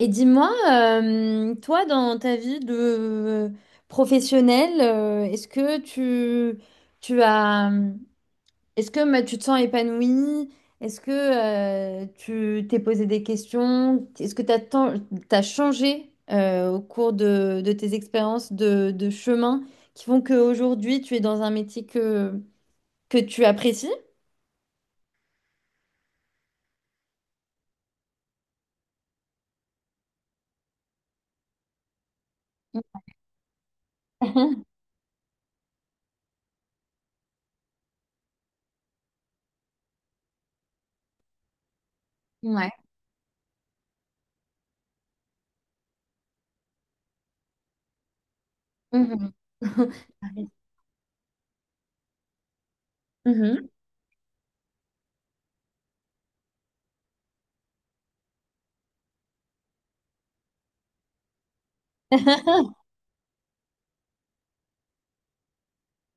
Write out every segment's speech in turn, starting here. Et dis-moi, toi, dans ta vie de professionnelle, est-ce que tu as, est-ce que tu te sens épanouie? Est-ce que tu t'es posé des questions? Est-ce que tu as, changé au cours de tes expériences de chemin qui font qu'aujourd'hui, tu es dans un métier que tu apprécies? Ouais. Mhm. Mhm.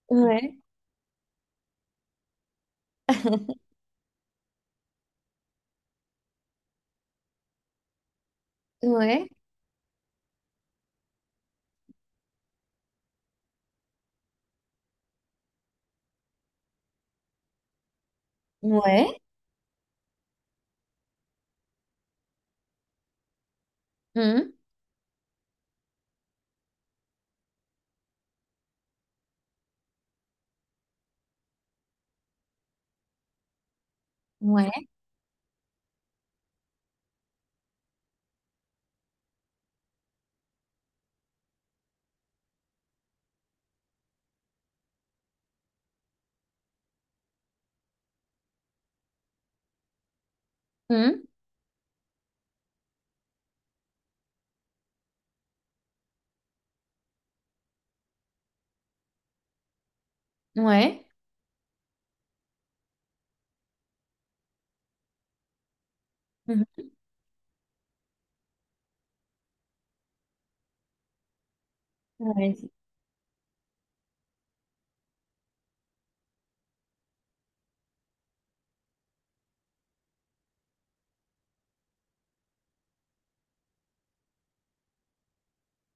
Ouais. Ouais. Ouais. Hum. Ouais. Hum. Ouais. Mhm. Ouais.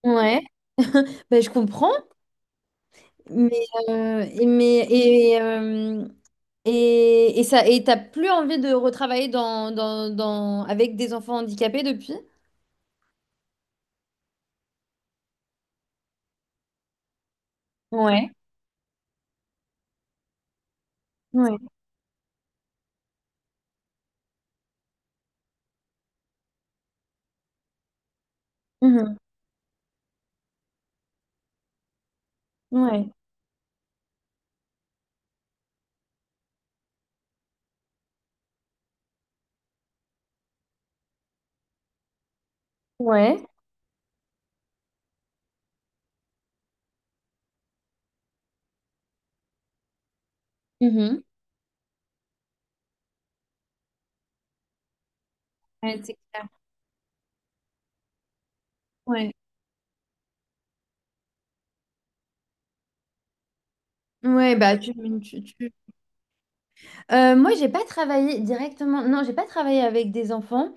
Ouais. Ben, je comprends, mais, et- mais et ça et t'as plus envie de retravailler dans avec des enfants handicapés depuis? Ouais. Ouais. Mhm. Ouais. Ouais. Mhm. Ouais, c'est clair. Ouais. Ouais, tu, tu- moi, j'ai pas travaillé directement. Non, j'ai pas travaillé avec des enfants.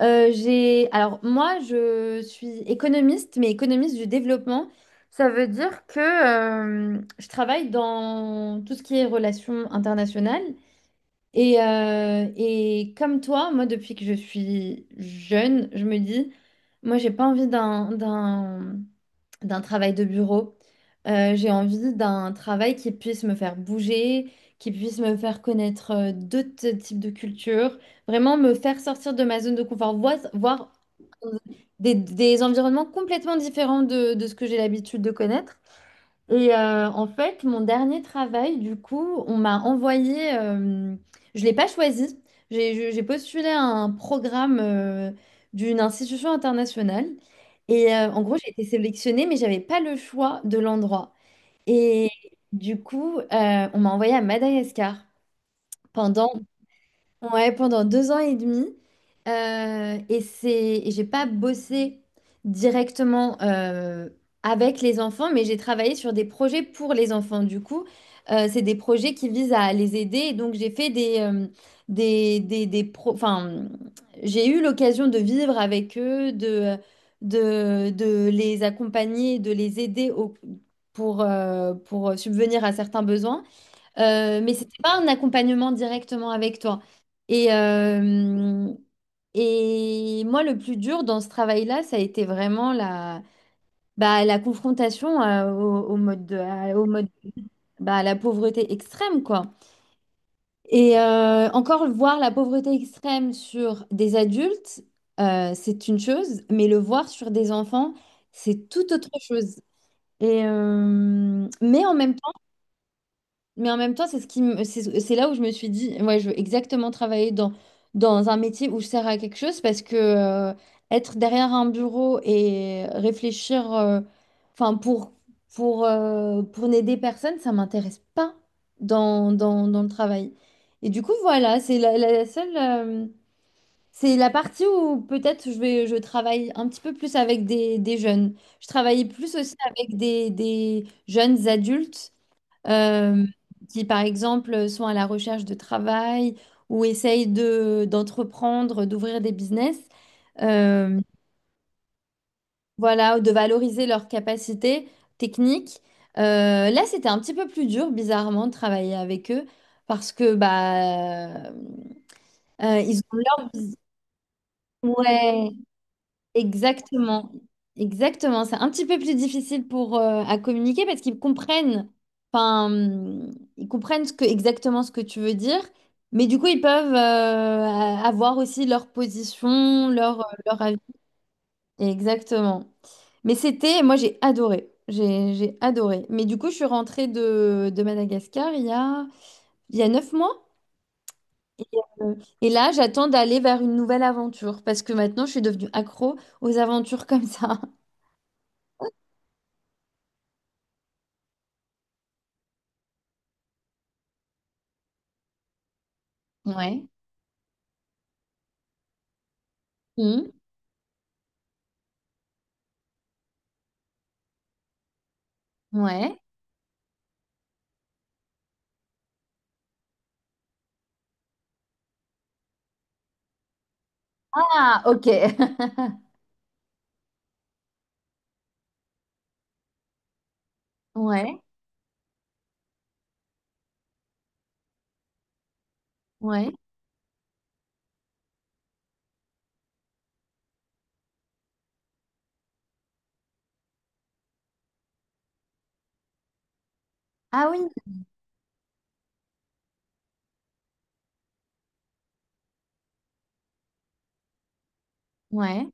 J'ai. Alors, moi, je suis économiste, mais économiste du développement. Ça veut dire que je travaille dans tout ce qui est relations internationales. Et comme toi, moi, depuis que je suis jeune, je me dis, moi, j'ai pas envie d'un travail de bureau. J'ai envie d'un travail qui puisse me faire bouger, qui puisse me faire connaître d'autres types de cultures, vraiment me faire sortir de ma zone de confort, voir, des environnements complètement différents de ce que j'ai l'habitude de connaître. Et en fait, mon dernier travail, du coup, on m'a envoyé, je l'ai pas choisi, j'ai postulé à un programme d'une institution internationale. Et en gros, j'ai été sélectionnée, mais j'avais pas le choix de l'endroit. Et du coup, on m'a envoyée à Madagascar pendant… Ouais, pendant deux ans et demi. Et et j'ai pas bossé directement avec les enfants, mais j'ai travaillé sur des projets pour les enfants. Du coup, c'est des projets qui visent à les aider. Et donc, j'ai fait des, des j'ai eu l'occasion de vivre avec eux, de, de les accompagner, de les aider pour subvenir à certains besoins. Mais c'était pas un accompagnement directement avec toi. Et, euh, et moi, le plus dur dans ce travail-là, ça a été vraiment la confrontation au mode, bah, à la pauvreté extrême, quoi. Et encore voir la pauvreté extrême sur des adultes, c'est une chose, mais le voir sur des enfants, c'est tout autre chose. Et mais en même temps… Mais en même temps, c'est ce qui c'est là où je me suis dit, ouais, je veux exactement travailler dans, dans un métier où je sers à quelque chose parce que être derrière un bureau et réfléchir, enfin, pour n'aider personne, ça m'intéresse pas dans le travail. Et du coup, voilà, c'est la seule, c'est la partie où peut-être je travaille un petit peu plus avec des jeunes. Je travaille plus aussi avec des jeunes adultes euh, qui, par exemple, sont à la recherche de travail ou essayent de, d'entreprendre, d'ouvrir des business, euh, voilà, de valoriser leurs capacités techniques. Là, c'était un petit peu plus dur, bizarrement, de travailler avec eux parce que ils ont leur… Ouais. Exactement, exactement. C'est un petit peu plus difficile pour à communiquer parce qu'ils comprennent, enfin, ils comprennent ce que, exactement ce que tu veux dire, mais du coup, ils peuvent avoir aussi leur position, leur, leur avis. Exactement. Mais c'était, moi, j'ai adoré. J'ai adoré. Mais du coup, je suis rentrée de Madagascar il y a 9 mois. Et, euh, et là, j'attends d'aller vers une nouvelle aventure parce que maintenant, je suis devenue accro aux aventures comme ça. Ouais. Hmm, ouais. Ah, ok. Ouais, ouais. Ah oui, ouais.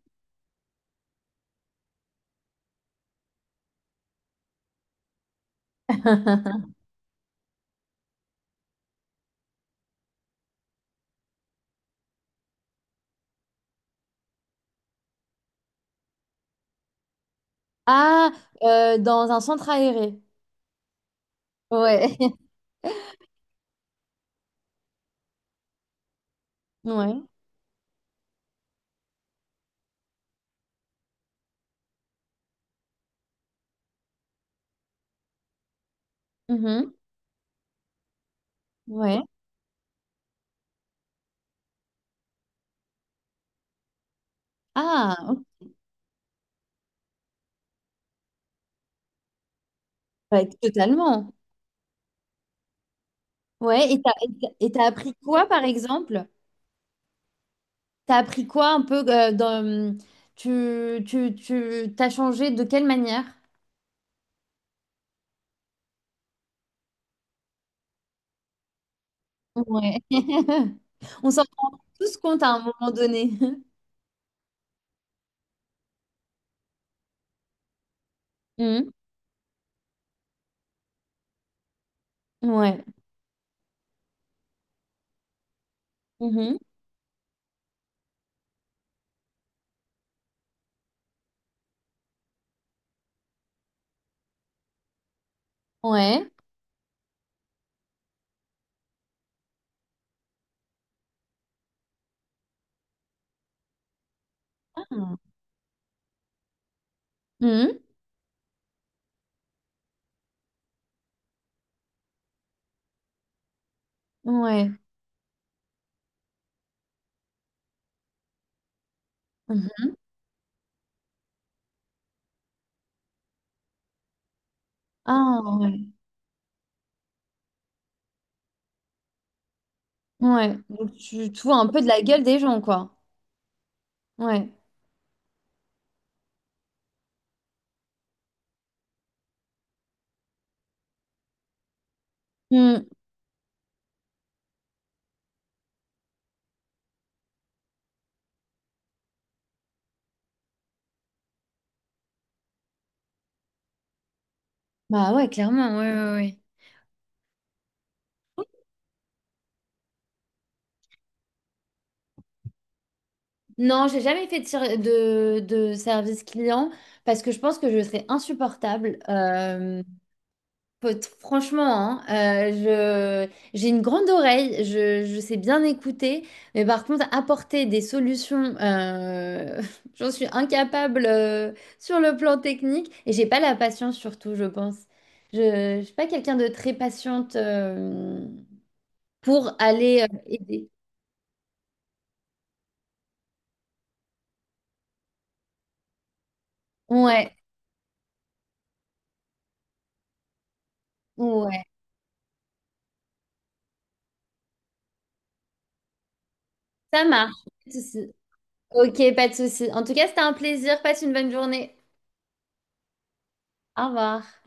Ah, dans un centre aéré. Ouais, ouais. Mhm. Ouais. Ah, ok. Ouais, totalement. Ouais, et t'as appris quoi, par exemple? T'as appris quoi un peu dans… t'as changé de quelle manière? Ouais. On s'en rend tous compte à un moment donné. Hmm. Ouais. Mhm. Ouais. Ah. Mmh. Ouais. Mhm. Ah, ouais. Ouais. Donc, tu vois un peu de la gueule des gens, quoi. Ouais. Mm. Bah ouais, clairement, ouais, ouais, ouais. Non, j'ai jamais fait de service client parce que je pense que je serais insupportable. Faut- Franchement, hein, euh, j'ai une grande oreille, je sais bien écouter, mais par contre, apporter des solutions, j'en suis incapable sur le plan technique et j'ai pas la patience surtout, je pense. Je suis pas quelqu'un de très patiente pour aller aider. Ouais, ouais, ça marche. Pas de souci. Ok, pas de souci. En tout cas, c'était un plaisir. Passe une bonne journée. Au revoir.